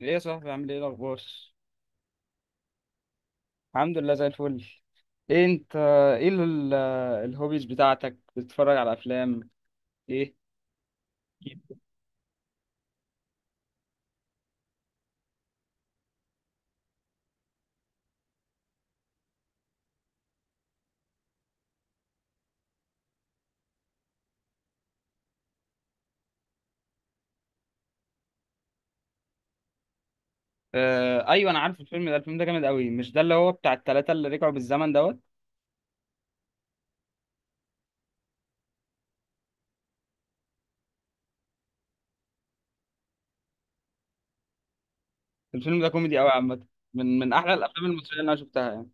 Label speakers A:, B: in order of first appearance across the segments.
A: ايه يا صاحبي عامل ايه الاخبار؟ الحمد لله زي الفل. ايه انت؟ ايه ال- الهوبيز بتاعتك بتتفرج على افلام؟ ايه آه ايوه، انا عارف الفيلم ده. الفيلم ده جامد قوي. مش ده اللي هو بتاع التلاتة اللي رجعوا بالزمن دوت؟ الفيلم ده كوميدي قوي عامه. من احلى الافلام المصريه اللي انا شفتها يعني.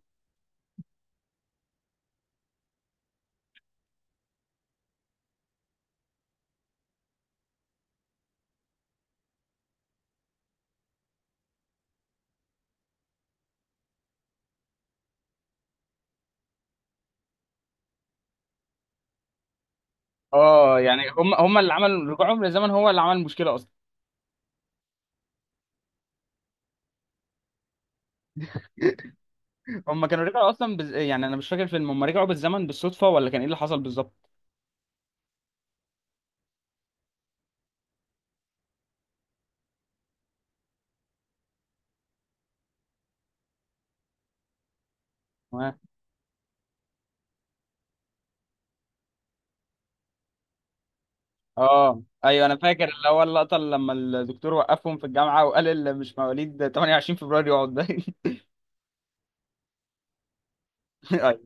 A: اه يعني هم اللي عملوا رجوعهم للزمن، هو اللي عمل المشكله اصلا. هم كانوا رجعوا اصلا بز... يعني انا مش فاكر الفيلم، هم رجعوا بالزمن بالصدفه ولا كان ايه اللي حصل بالظبط؟ اه ايوه، انا فاكر اللي هو اللقطه اللي لما الدكتور وقفهم في الجامعه وقال اللي مش مواليد 28 فبراير يقعد ده. ايوه.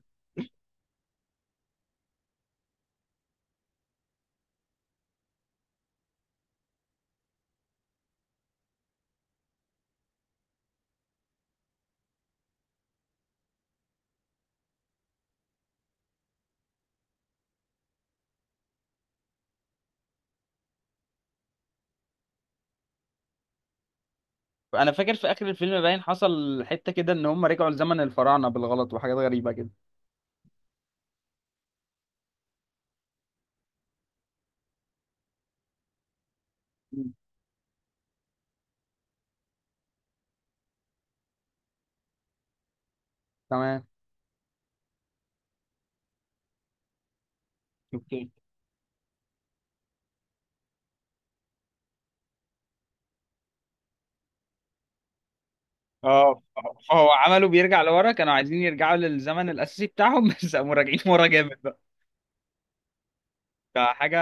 A: انا فاكر في اخر الفيلم باين حصل حته كده، ان هم رجعوا لزمن الفراعنه بالغلط وحاجات غريبه كده. مم. تمام. اوكي. اه، هو عملوا بيرجع لورا، كانوا عايزين يرجعوا للزمن الاساسي بتاعهم بس قاموا راجعين ورا جامد بقى. فحاجه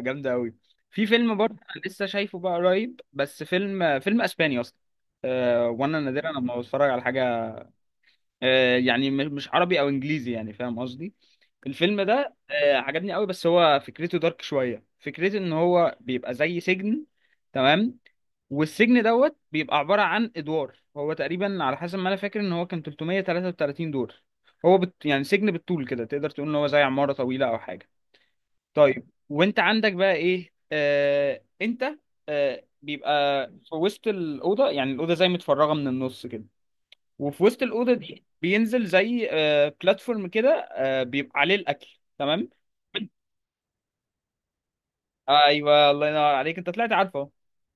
A: جامده قوي. في فيلم برضه انا لسه شايفه بقى قريب، بس فيلم اسباني اصلا. وانا نادرا لما بتفرج على حاجه يعني مش عربي او انجليزي، يعني فاهم قصدي. الفيلم ده عجبني قوي، بس هو فكرته دارك شويه. فكرته ان هو بيبقى زي سجن. تمام. والسجن دوت بيبقى عباره عن ادوار. هو تقريبا على حسب ما انا فاكر ان هو كان 333 دور. يعني سجن بالطول كده، تقدر تقول ان هو زي عماره طويله او حاجه. طيب، وانت عندك بقى ايه؟ انت بيبقى في وسط الاوضه، يعني الاوضه زي متفرغه من النص كده. وفي وسط الاوضه دي بينزل زي آه بلاتفورم كده، آه بيبقى عليه الاكل. تمام. ايوه، الله ينور عليك، انت طلعت عارفه أهو.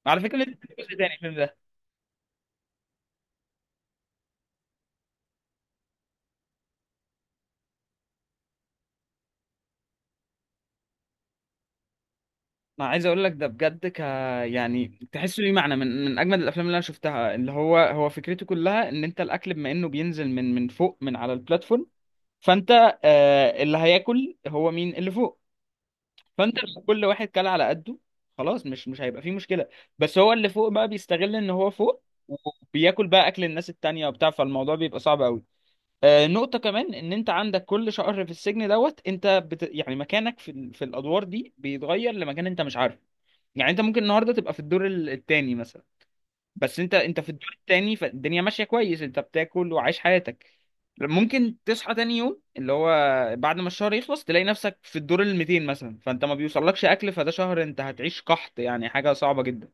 A: على فكره، ليه جزء تاني الفيلم ده؟ انا عايز اقول لك ده بجد ك يعني تحسه ليه معنى. من اجمد الافلام اللي انا شفتها. اللي هو فكرته كلها ان انت الاكل بما انه بينزل من فوق من على البلاتفورم. فانت آه اللي هياكل هو مين؟ اللي فوق. فانت لو كل واحد كل على قده، خلاص مش هيبقى فيه مشكله. بس هو اللي فوق بقى بيستغل ان هو فوق، وبياكل بقى اكل الناس التانية وبتاع. فالموضوع بيبقى صعب قوي. آه نقطه كمان، ان انت عندك كل شهر في السجن دوت يعني مكانك في الادوار دي بيتغير لمكان انت مش عارفه. يعني انت ممكن النهارده تبقى في الدور الثاني مثلا، بس انت في الدور التاني، فالدنيا ماشيه كويس، انت بتاكل وعايش حياتك. ممكن تصحى تاني يوم اللي هو بعد ما الشهر يخلص تلاقي نفسك في الدور ال 200 مثلا، فانت ما بيوصلكش اكل، فده شهر انت هتعيش قحط، يعني حاجه صعبه جدا.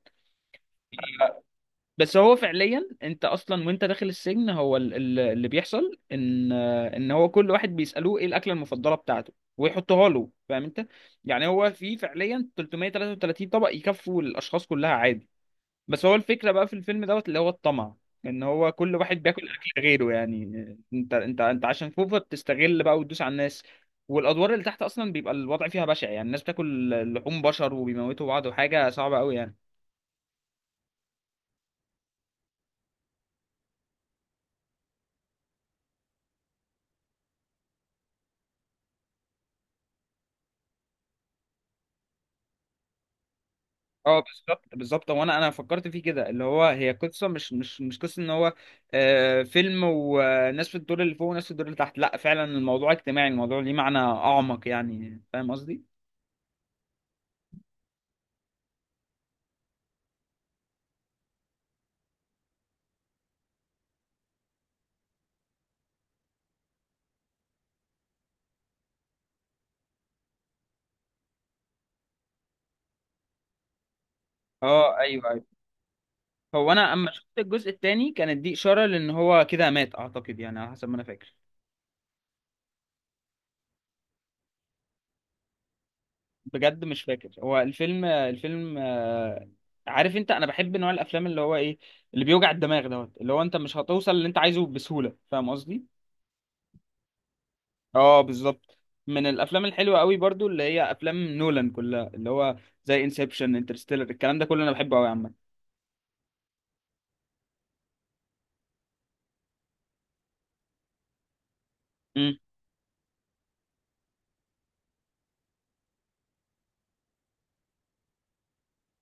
A: بس هو فعليا انت اصلا وانت داخل السجن هو اللي بيحصل ان هو كل واحد بيسالوه ايه الاكله المفضله بتاعته ويحطها له، فاهم انت. يعني هو في فعليا 333 طبق يكفوا الاشخاص كلها عادي. بس هو الفكرة بقى في الفيلم دوت اللي هو الطمع. ان هو كل واحد بياكل اكل غيره يعني. انت عشان فوفا بتستغل بقى وتدوس على الناس. والادوار اللي تحت اصلا بيبقى الوضع فيها بشع، يعني الناس بتاكل لحوم بشر وبيموتوا بعض وحاجة صعبة قوي يعني. اه بالظبط بالظبط. وانا فكرت فيه كده اللي هو هي قصة مش قصة ان هو آه فيلم وناس في الدور اللي فوق وناس في الدور اللي تحت. لا فعلا الموضوع اجتماعي، الموضوع ليه معنى اعمق، يعني فاهم قصدي؟ اه ايوه. هو انا اما شفت الجزء الثاني كانت دي اشاره لان هو كده مات اعتقد، يعني على حسب ما انا فاكر. بجد مش فاكر. هو الفيلم الفيلم آه، عارف انت انا بحب نوع الافلام اللي هو ايه؟ اللي بيوجع الدماغ دوت، اللي هو انت مش هتوصل اللي انت عايزه بسهوله، فاهم قصدي. اه بالظبط. من الافلام الحلوه قوي برضو اللي هي افلام نولان كلها، اللي هو زي انسبشن، انترستيلر، الكلام ده كله انا بحبه قوي عامه. امم.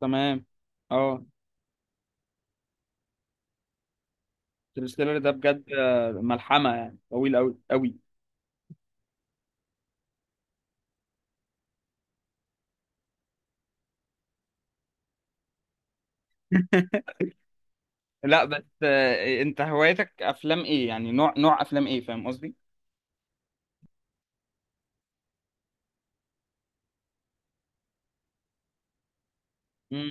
A: تمام. اه، انترستيلر ده بجد ملحمه، يعني طويل قوي قوي. لا بس انت هوايتك افلام ايه، يعني نوع افلام ايه، فاهم قصدي؟ امم.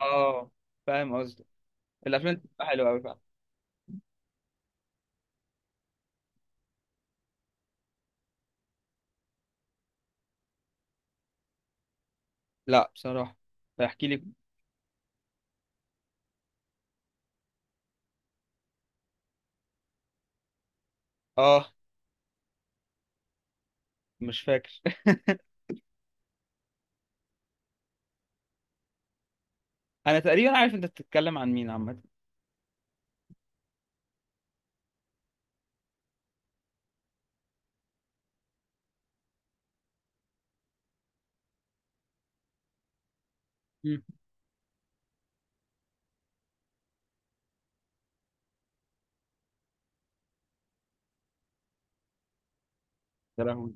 A: اه فاهم قصدي. الافلام دي بتبقى حلوه قوي فعلا. لا بصراحه، فاحكي لي. اه مش فاكر. انا تقريبا عارف انت بتتكلم عن مين عامه. امم. يا لهوي.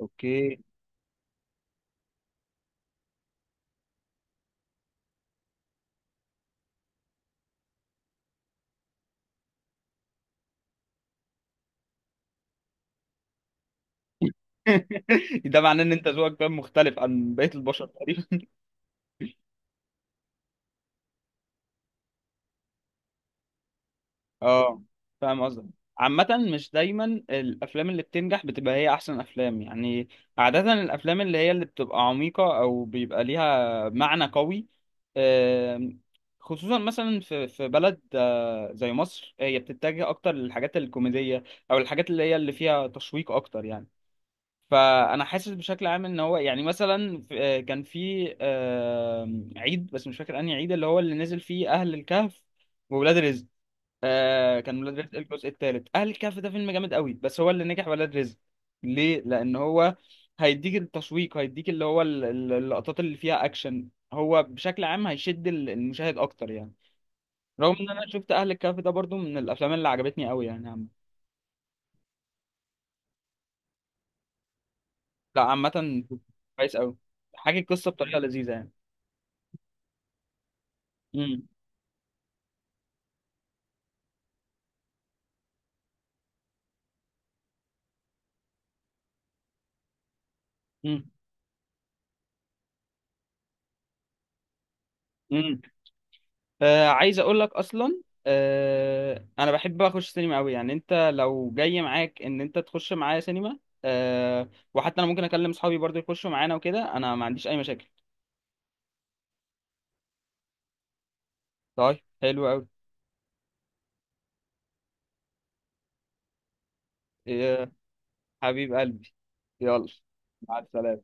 A: اوكي. ده معناه ان انت ذوقك فاهم مختلف عن بقيه البشر. اه فاهم قصدك. عامة مش دايما الأفلام اللي بتنجح بتبقى هي أحسن أفلام يعني. عادة الأفلام اللي هي اللي بتبقى عميقة أو بيبقى ليها معنى قوي، آم، خصوصا مثلا في بلد زي مصر، هي بتتجه أكتر للحاجات الكوميدية أو الحاجات اللي هي اللي فيها تشويق أكتر يعني. فأنا حاسس بشكل عام إن هو يعني مثلا كان في عيد بس مش فاكر أنهي عيد، اللي هو اللي نزل فيه أهل الكهف وولاد رزق. آه كان ولاد رزق الجزء الثالث. اهل الكهف ده فيلم جامد قوي، بس هو اللي نجح ولاد رزق. ليه؟ لان هو هيديك التشويق، هيديك اللي هو اللقطات اللي فيها اكشن، هو بشكل عام المشاهد اكتر يعني. رغم ان انا شفت اهل الكهف ده برضو من الافلام اللي عجبتني قوي يعني عم. لا عامه كويس قوي. حاجه القصه بطريقه لذيذه يعني. امم. امم امم. آه عايز اقول لك اصلا آه انا بحب اخش سينما قوي، يعني انت لو جاي معاك ان انت تخش معايا سينما آه، وحتى انا ممكن اكلم اصحابي برضه يخشوا معانا وكده، انا ما عنديش اي مشاكل. طيب حلو قوي. آه حبيب قلبي، يلا، مع السلامة.